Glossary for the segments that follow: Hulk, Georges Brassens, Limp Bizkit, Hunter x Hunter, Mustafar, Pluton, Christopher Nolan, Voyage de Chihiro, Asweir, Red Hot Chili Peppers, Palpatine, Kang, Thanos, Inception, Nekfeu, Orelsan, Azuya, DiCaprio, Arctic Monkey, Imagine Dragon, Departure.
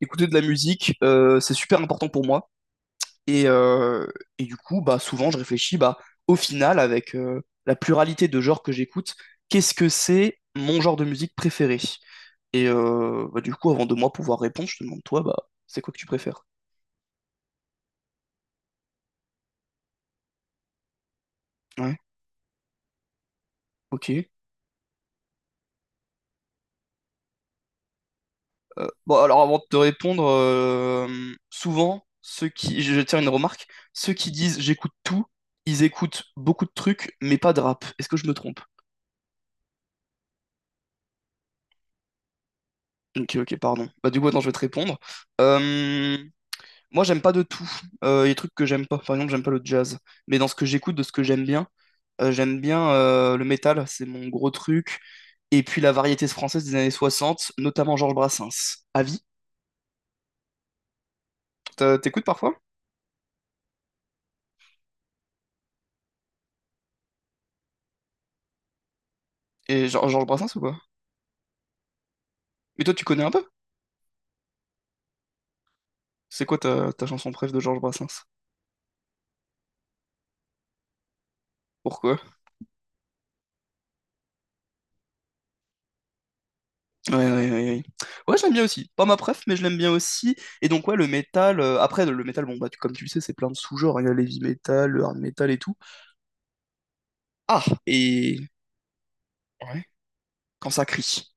Écouter de la musique, c'est super important pour moi. Et, euh, et du coup, bah, souvent, je réfléchis, bah, au final, avec la pluralité de genres que j'écoute, qu'est-ce que c'est mon genre de musique préféré? Bah, du coup, avant de moi pouvoir répondre, je te demande, toi, bah, c'est quoi que tu préfères? Ouais, ok. Bon, alors avant de te répondre, souvent, je tiens une remarque, ceux qui disent j'écoute tout, ils écoutent beaucoup de trucs, mais pas de rap. Est-ce que je me trompe? Ok, ok, pardon. Bah, du coup, attends, je vais te répondre. Euh, Moi, j'aime pas de tout. Il y a des trucs que j'aime pas. Par exemple, j'aime pas le jazz. Mais dans ce que j'écoute, de ce que j'aime bien le métal, c'est mon gros truc. Et puis la variété française des années 60, notamment Georges Brassens. Avis? T'écoutes parfois? Et Georges Brassens ou pas? Mais toi, tu connais un peu? C'est quoi ta chanson préf de Georges Brassens? Pourquoi? Ouais, ouais, ouais, ouais. Ouais, j'aime bien aussi. Pas ma préf, mais je l'aime bien aussi. Et donc, ouais, le métal. Après, le métal, bon, bah, comme tu le sais, c'est plein de sous-genres, hein. Il y a l'heavy metal, le hard metal et tout. Ah, et. Ouais. Quand ça crie.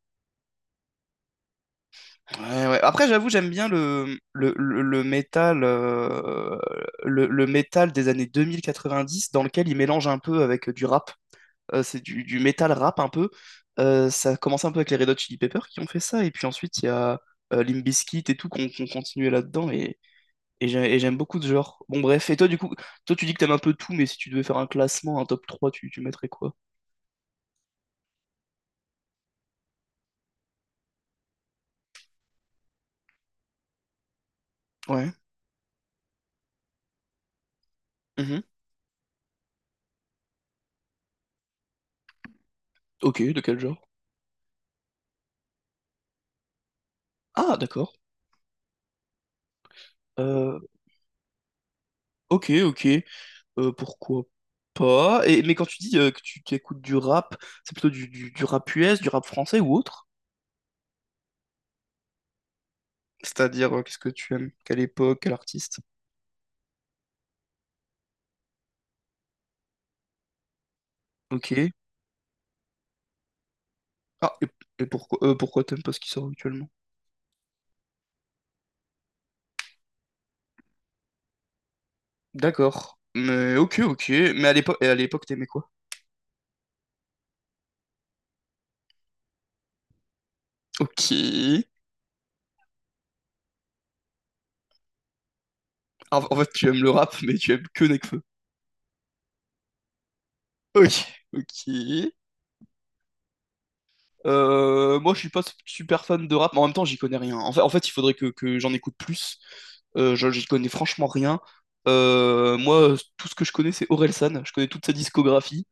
Ouais, ouais. Après, j'avoue, j'aime bien le métal. Le métal des années 2090 dans lequel il mélange un peu avec du rap. C'est du métal rap un peu. Ça a commencé un peu avec les Red Hot Chili Peppers qui ont fait ça. Et puis ensuite, il y a Limp Bizkit et tout qu'on continuait là-dedans. Et j'aime beaucoup ce genre. Bon, bref. Et toi, du coup, toi, tu dis que t'aimes un peu tout, mais si tu devais faire un classement, un top trois, tu mettrais quoi? Ouais. Mhm. Ok, de quel genre? Ah, d'accord. Euh, ok, ok. Pourquoi pas? Et, mais quand tu dis que tu écoutes du rap, c'est plutôt du rap US, du rap français ou autre? C'est-à-dire, qu'est-ce que tu aimes? Quelle époque, quel artiste? Ok. Ah, et pourquoi, pourquoi t'aimes pas ce qui sort actuellement? D'accord. Mais ok, ok. Mais à l'époque, t'aimais quoi? Ok. En fait, tu aimes le rap, mais tu aimes que Nekfeu. Ok. Ok. Moi, je suis pas super fan de rap, mais en même temps, j'y connais rien. En fait, il faudrait que j'en écoute plus. J'y connais franchement rien. Moi, tout ce que je connais, c'est Orelsan. Je connais toute sa discographie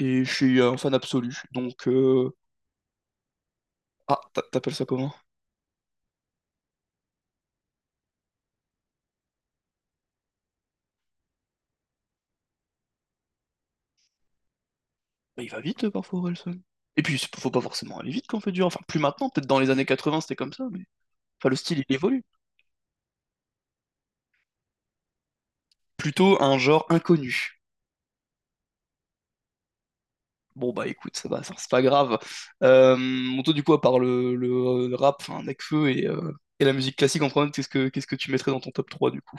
et je suis un fan absolu. Donc, ah, t'appelles ça comment? Bah, il va vite parfois, Orelsan. Et puis, faut pas forcément aller vite quand on fait du rap. Enfin, plus maintenant, peut-être dans les années 80, c'était comme ça, mais enfin, le style, il évolue. Plutôt un genre inconnu. Bon, bah écoute, ça va, ça, c'est pas grave. Monto, du coup, à part le rap, enfin, Nekfeu et la musique classique en premier, qu'est-ce que tu mettrais dans ton top trois du coup?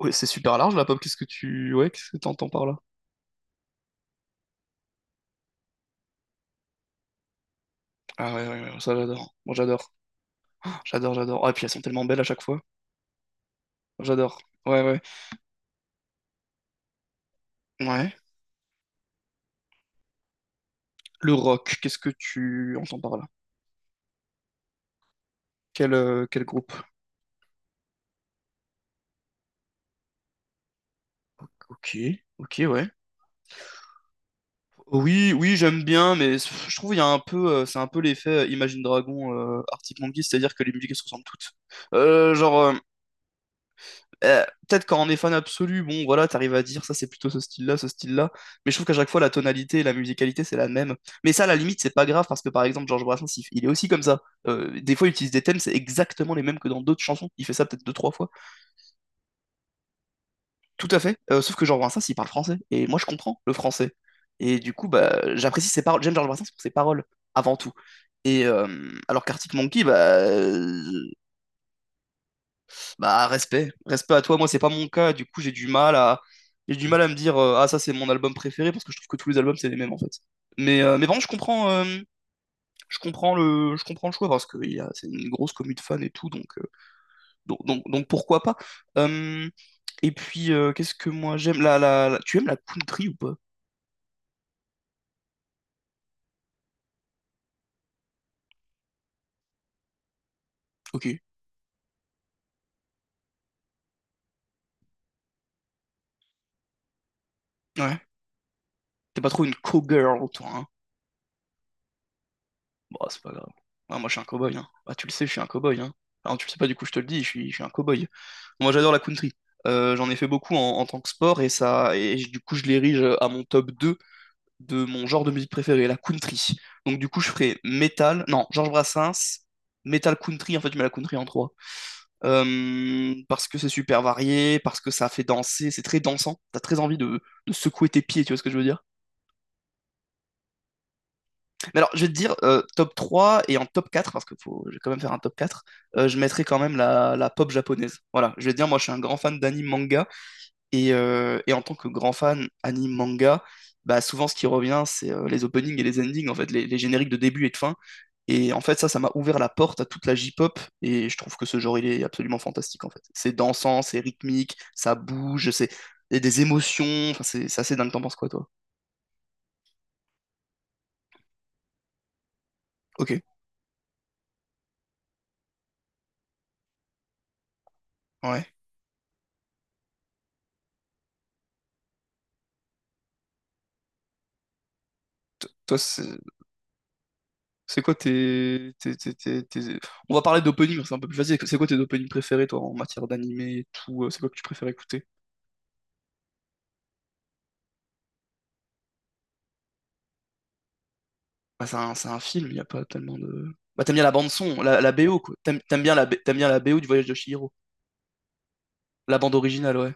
Ouais, c'est super large la pop, qu'est-ce que tu. Ouais, qu'est-ce que t'entends par là? Ah ouais, ouais, ouais, ça j'adore. Moi j'adore. J'adore, j'adore. Ah, et puis elles sont tellement belles à chaque fois. J'adore. Ouais, ouais. Ouais. Le rock, qu'est-ce que tu entends par là? Quel groupe? Ok, ok, ouais. Oui, oui, j'aime bien, mais je trouve il y a un peu, c'est un peu l'effet Imagine Dragon, Arctic Monkey, c'est-à-dire que les musiques elles se ressemblent toutes. Genre, peut-être quand on est fan absolu, bon, voilà, t'arrives à dire ça, c'est plutôt ce style-là, mais je trouve qu'à chaque fois la tonalité et la musicalité c'est la même. Mais ça, à la limite, c'est pas grave parce que par exemple Georges Brassens, il est aussi comme ça. Des fois, il utilise des thèmes, c'est exactement les mêmes que dans d'autres chansons. Il fait ça peut-être deux, trois fois. Tout à fait. Sauf que Georges Brassens, il parle français. Et moi, je comprends le français. Et du coup, bah, j'apprécie ses paroles. J'aime Georges Brassens pour ses paroles, avant tout. Alors qu'Arctic Monkey, bah, respect. Respect à toi. Moi, c'est pas mon cas. Du coup, j'ai du mal à me dire, ah, ça, c'est mon album préféré, parce que je trouve que tous les albums, c'est les mêmes, en fait. Mais vraiment, je comprends le choix, parce que c'est une grosse commu de fans et tout, donc pourquoi pas. Euh, et puis, qu'est-ce que moi j'aime? Tu aimes la country ou pas? Ok. Ouais. T'es pas trop une cowgirl, toi, hein. Bon, c'est pas grave. Ouais, moi, je suis un cowboy, hein. Bah, tu le sais, je suis un cowboy, hein. Enfin, tu le sais pas, du coup, je te le dis, je suis un cowboy. Moi, j'adore la country. J'en ai fait beaucoup en tant que sport et ça, du coup, je l'érige à mon top 2 de mon genre de musique préféré, la country. Donc, du coup, je ferai metal, non, Georges Brassens, metal country. En fait, je mets la country en trois. Parce que c'est super varié, parce que ça fait danser, c'est très dansant. T'as très envie de secouer tes pieds, tu vois ce que je veux dire? Mais alors, je vais te dire, top 3 et en top 4 parce que faut, je vais quand même faire un top quatre, je mettrai quand même la pop japonaise. Voilà, je vais te dire, moi je suis un grand fan d'anime manga, et en tant que grand fan anime manga, bah, souvent ce qui revient, c'est les openings et les endings, en fait, les génériques de début et de fin. Et en fait, ça m'a ouvert la porte à toute la J-pop, et je trouve que ce genre, il est absolument fantastique, en fait. C'est dansant, c'est rythmique, ça bouge, c'est il y a des émotions, enfin, c'est assez dingue, t'en penses quoi, toi? Ok, ouais. T- Toi, c'est C'est quoi tes, tes, tes- tes- tes- On va parler d'opening, c'est un peu plus facile. C'est quoi tes openings préférés, toi, en matière d'animé et tout? C'est quoi que tu préfères écouter? Bah, c'est un film, il n'y a pas tellement de... Bah, t'aimes bien la bande-son, la BO, quoi. T'aimes bien la BO du Voyage de Chihiro. La bande originale, ouais.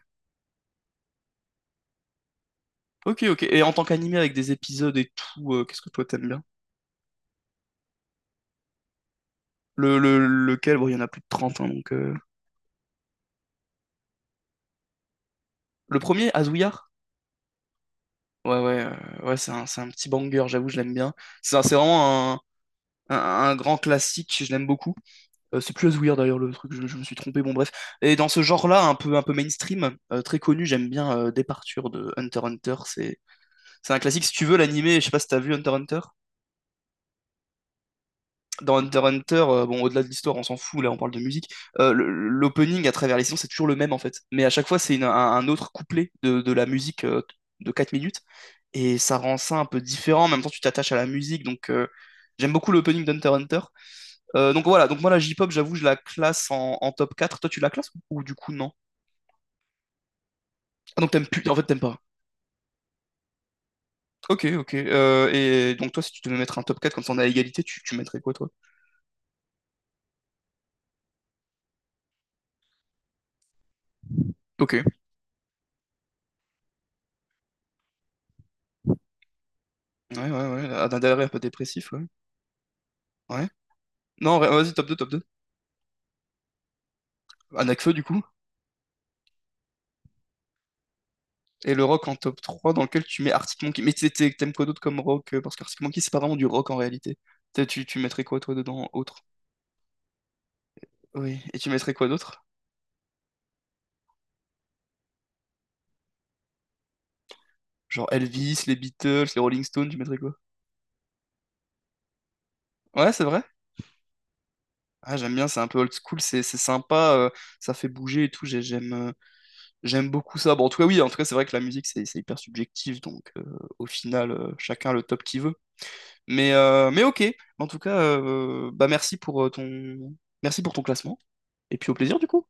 Ok, ok. Et en tant qu'animé avec des épisodes et tout, qu'est-ce que toi t'aimes bien? Lequel? Bon, il y en a plus de 30, hein, donc... Le premier, Azuya? Ouais, ouais, ouais, c'est un petit banger, j'avoue, je l'aime bien. C'est vraiment un, un grand classique, je l'aime beaucoup. C'est plus Asweir d'ailleurs le truc, je me suis trompé, bon bref. Et dans ce genre-là, un peu mainstream, très connu, j'aime bien Departure de Hunter x Hunter, c'est un classique. Si tu veux l'animé, je sais pas si t'as vu Hunter x Hunter. Dans Hunter x Hunter, bon au-delà de l'histoire, on s'en fout, là on parle de musique. L'opening à travers les saisons, c'est toujours le même en fait. Mais à chaque fois, c'est un autre couplet de la musique de 4 minutes. Et ça rend ça un peu différent. En même temps, tu t'attaches à la musique, donc j'aime beaucoup l'opening d'Hunter x Hunter. Donc voilà, donc moi la J-pop, j'avoue, je la classe en top 4. Toi, tu la classes ou du coup, non? Ah, donc t'aimes plus, en fait, t'aimes pas. Ok, ok. Et donc toi, si tu devais mettre un top 4 comme ça on est à égalité, tu mettrais quoi, toi? Ok. Ouais, ouais, ouais. D'un derrière un peu dépressif, ouais. Ouais. Non, ouais, vas-y, top 2 top 2. Anakfeu, du coup. Et le rock en top 3 dans lequel tu mets Arctic Monkey. Mais t'aimes quoi d'autre comme rock? Parce qu'Arctic Monkey, c'est pas vraiment du rock en réalité. Tu mettrais quoi, toi, dedans, autre? Oui. Et tu mettrais quoi d'autre? Genre Elvis, les Beatles, les Rolling Stones, tu mettrais quoi? Ouais, c'est vrai. Ah, j'aime bien, c'est un peu old school, c'est sympa, ça fait bouger et tout, j'aime j'aime beaucoup ça. Bon, en tout cas, oui, en tout cas, c'est vrai que la musique, c'est hyper subjectif, donc au final, chacun a le top qu'il veut. Mais ok, en tout cas, bah merci pour ton classement, et puis au plaisir du coup.